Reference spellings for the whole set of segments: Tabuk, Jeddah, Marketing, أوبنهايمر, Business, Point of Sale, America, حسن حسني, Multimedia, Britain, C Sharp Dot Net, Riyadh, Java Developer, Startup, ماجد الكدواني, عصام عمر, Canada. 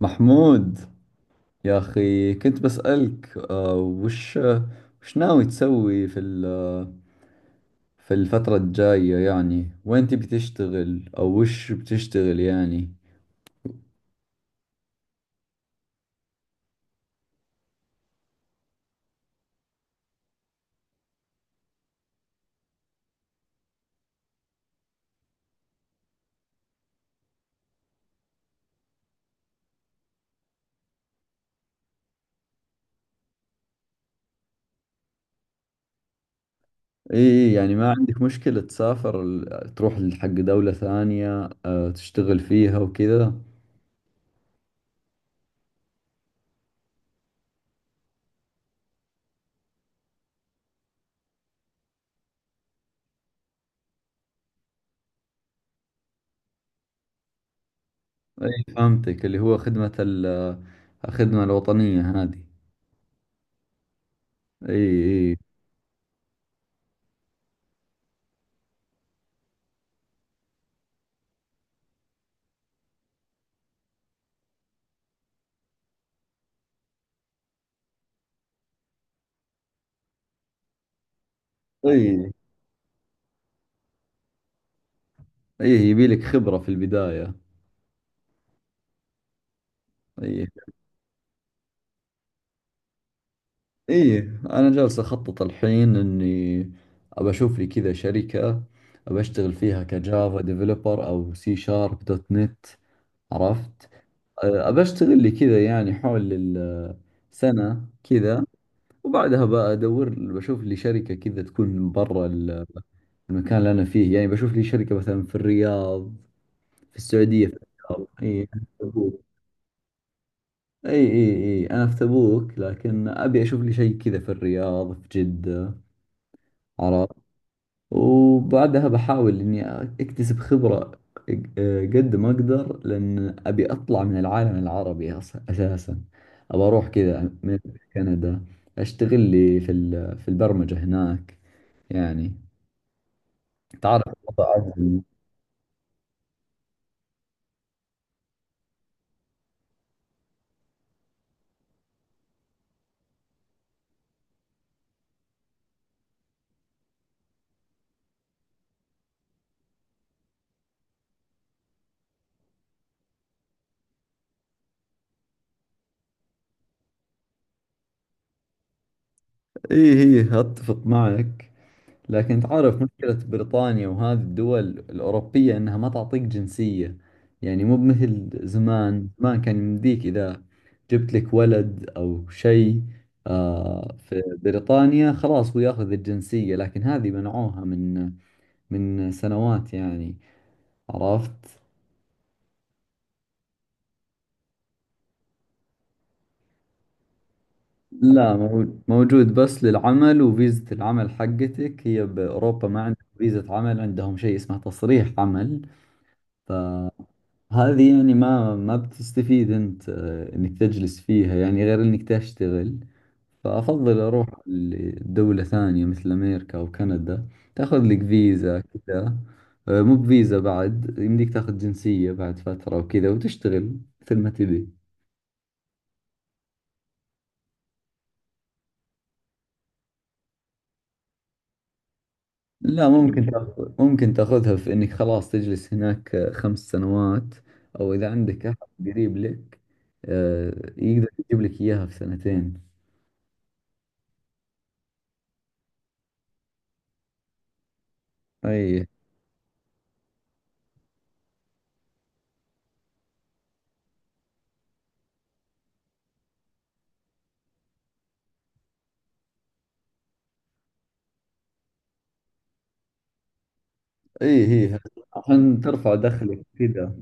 محمود، يا أخي كنت بسألك وش ناوي تسوي في الفترة الجاية، يعني وين تبي تشتغل أو وش بتشتغل يعني. إيه يعني ما عندك مشكلة تسافر تروح حق دولة ثانية، تشتغل فيها وكذا. إيه، فهمتك، اللي هو الخدمة الوطنية هذه. إيه إيه. إيه إيه، يبي لك خبرة في البداية. إيه ايه، انا جالس اخطط الحين اني ابى اشوف لي كذا شركة، ابى اشتغل فيها كجافا ديفلوبر او سي شارب دوت نت. عرفت؟ ابى اشتغل لي كذا يعني حول السنة كذا، وبعدها بدور بشوف لي شركة كذا تكون برا المكان اللي انا فيه، يعني بشوف لي شركة مثلا في الرياض، في السعودية، في الرياض، اي تبوك، اي اي، اي انا في تبوك لكن ابي اشوف لي شيء كذا في الرياض، في جدة. عرفت؟ وبعدها بحاول إني أكتسب خبرة قد ما أقدر، لأن أبي أطلع من العالم العربي أساسا، أبى أروح كذا من كندا، أشتغل لي في البرمجة هناك يعني، تعرف. وضع عزمي. إيه إيه، أتفق معك، لكن تعرف مشكلة بريطانيا وهذه الدول الأوروبية إنها ما تعطيك جنسية، يعني مو مثل زمان. زمان كان يمديك إذا جبت لك ولد أو شيء، في بريطانيا خلاص هو ياخذ الجنسية، لكن هذه منعوها من سنوات يعني. عرفت؟ لا، موجود بس للعمل، وفيزة العمل حقتك هي بأوروبا، ما عندهم فيزة عمل، عندهم شيء اسمه تصريح عمل. هذه يعني ما بتستفيد انت، انك تجلس فيها يعني غير انك تشتغل. فافضل اروح لدولة ثانية مثل امريكا او كندا، تاخذ لك فيزا كذا، مو بفيزا بعد، يمديك تاخذ جنسية بعد فترة وكذا وتشتغل مثل ما تبي. لا ممكن تاخذ، ممكن تاخذها في انك خلاص تجلس هناك خمس سنوات، او اذا عندك احد قريب لك، آه، يقدر يجيب لك اياها في سنتين. اي اي، هي عشان ترفع دخلك كذا.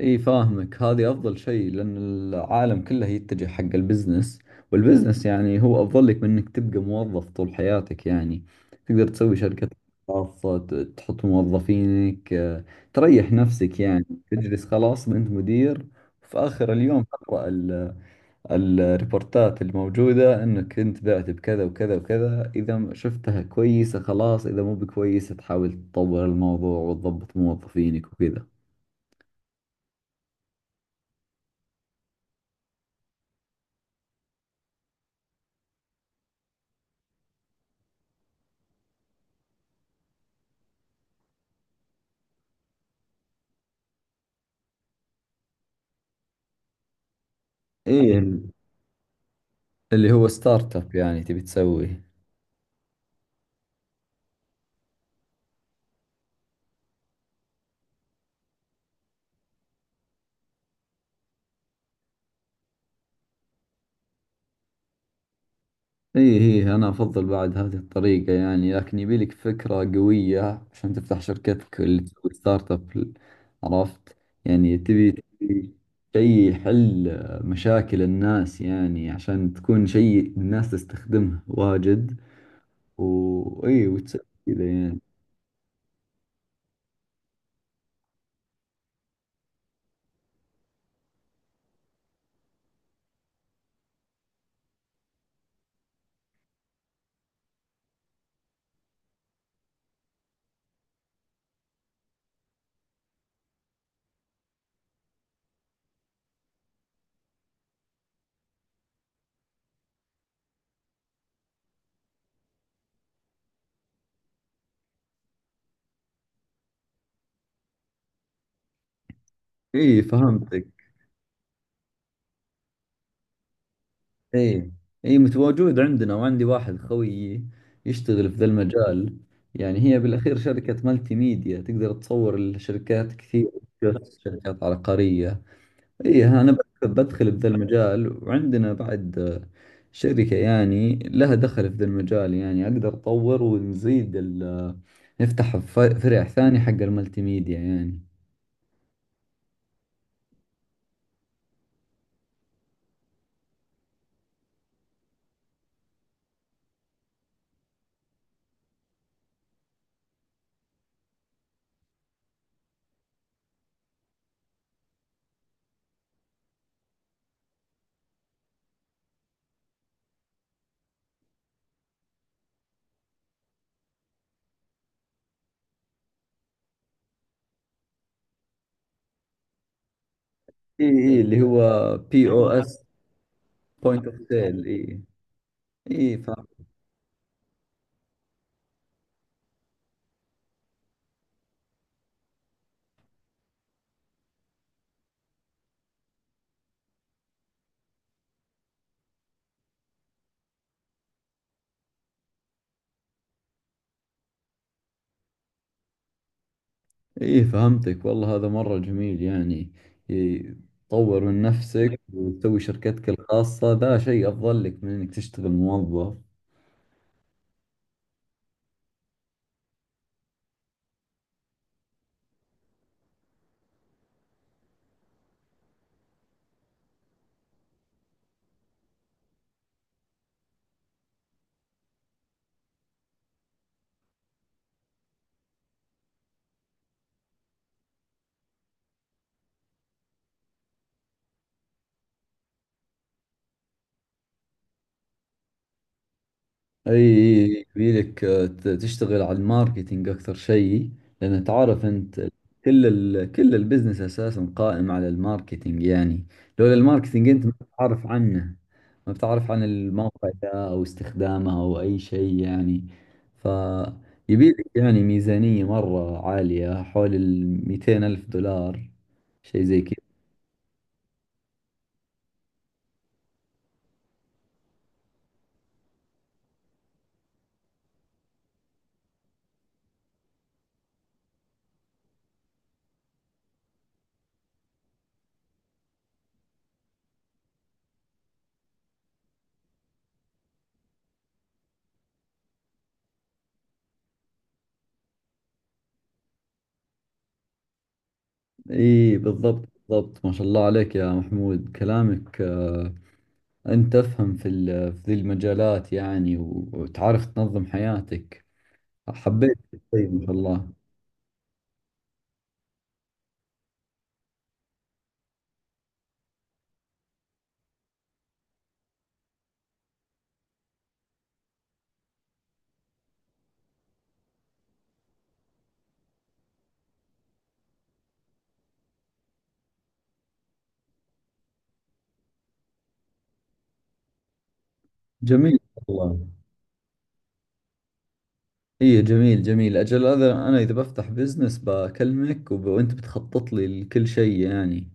اي فاهمك، هذه افضل شيء، لان العالم كله يتجه حق البزنس، والبزنس يعني هو افضل لك من انك تبقى موظف طول حياتك يعني. تقدر تسوي شركة خاصة، تحط موظفينك، تريح نفسك يعني، تجلس خلاص انت مدير، في اخر اليوم تقرأ الريبورتات الموجودة انك انت بعت بكذا وكذا وكذا، اذا شفتها كويسة خلاص، اذا مو بكويسة تحاول تطور الموضوع وتضبط موظفينك وكذا. ايه، اللي هو ستارت اب، يعني تبي تسويه. ايه ايه، انا افضل بعد هذه الطريقة يعني، لكن يبيلك فكرة قوية عشان تفتح شركتك اللي تسوي ستارت اب. عرفت؟ يعني تبي شيء يحل مشاكل الناس، يعني عشان تكون شيء الناس تستخدمه واجد، وإي وتسوي كذا يعني. إي فهمتك. إي إي، متواجد عندنا، وعندي واحد خويي يشتغل في ذا المجال، يعني هي بالأخير شركة مالتي ميديا، تقدر تصور الشركات كثير، بس شركات عقارية. إي ها، أنا بدخل بذا المجال، وعندنا بعد شركة يعني لها دخل في ذا المجال، يعني أقدر أطور ونزيد نفتح فرع ثاني حق المالتي ميديا يعني. إي إي، اللي هو بي أو اس، بوينت اوف سيل. اي اي، فهم. اي فهمتك، والله هذا مرة جميل يعني. إي، تطور من نفسك وتسوي شركتك الخاصة، ذا شيء افضل لك من انك تشتغل موظف. اي اي إي، يبيلك تشتغل على الماركتينج اكثر شيء، لان تعرف انت، كل البزنس اساسا قائم على الماركتينج يعني. لولا الماركتينج انت ما بتعرف عنه، ما بتعرف عن الموقع ده او استخدامه او اي شيء يعني. ف يبيلك يعني ميزانية مرة عالية، حول ال 200 ألف دولار، شيء زي كذا. اي بالضبط بالضبط، ما شاء الله عليك يا محمود، كلامك أنت تفهم في ذي المجالات يعني، وتعرف تنظم حياتك، حبيت الشيء ما شاء الله. جميل والله. إيه جميل جميل، أجل هذا أنا إذا بفتح بزنس بكلمك وأنت بتخطط لي لكل شيء يعني.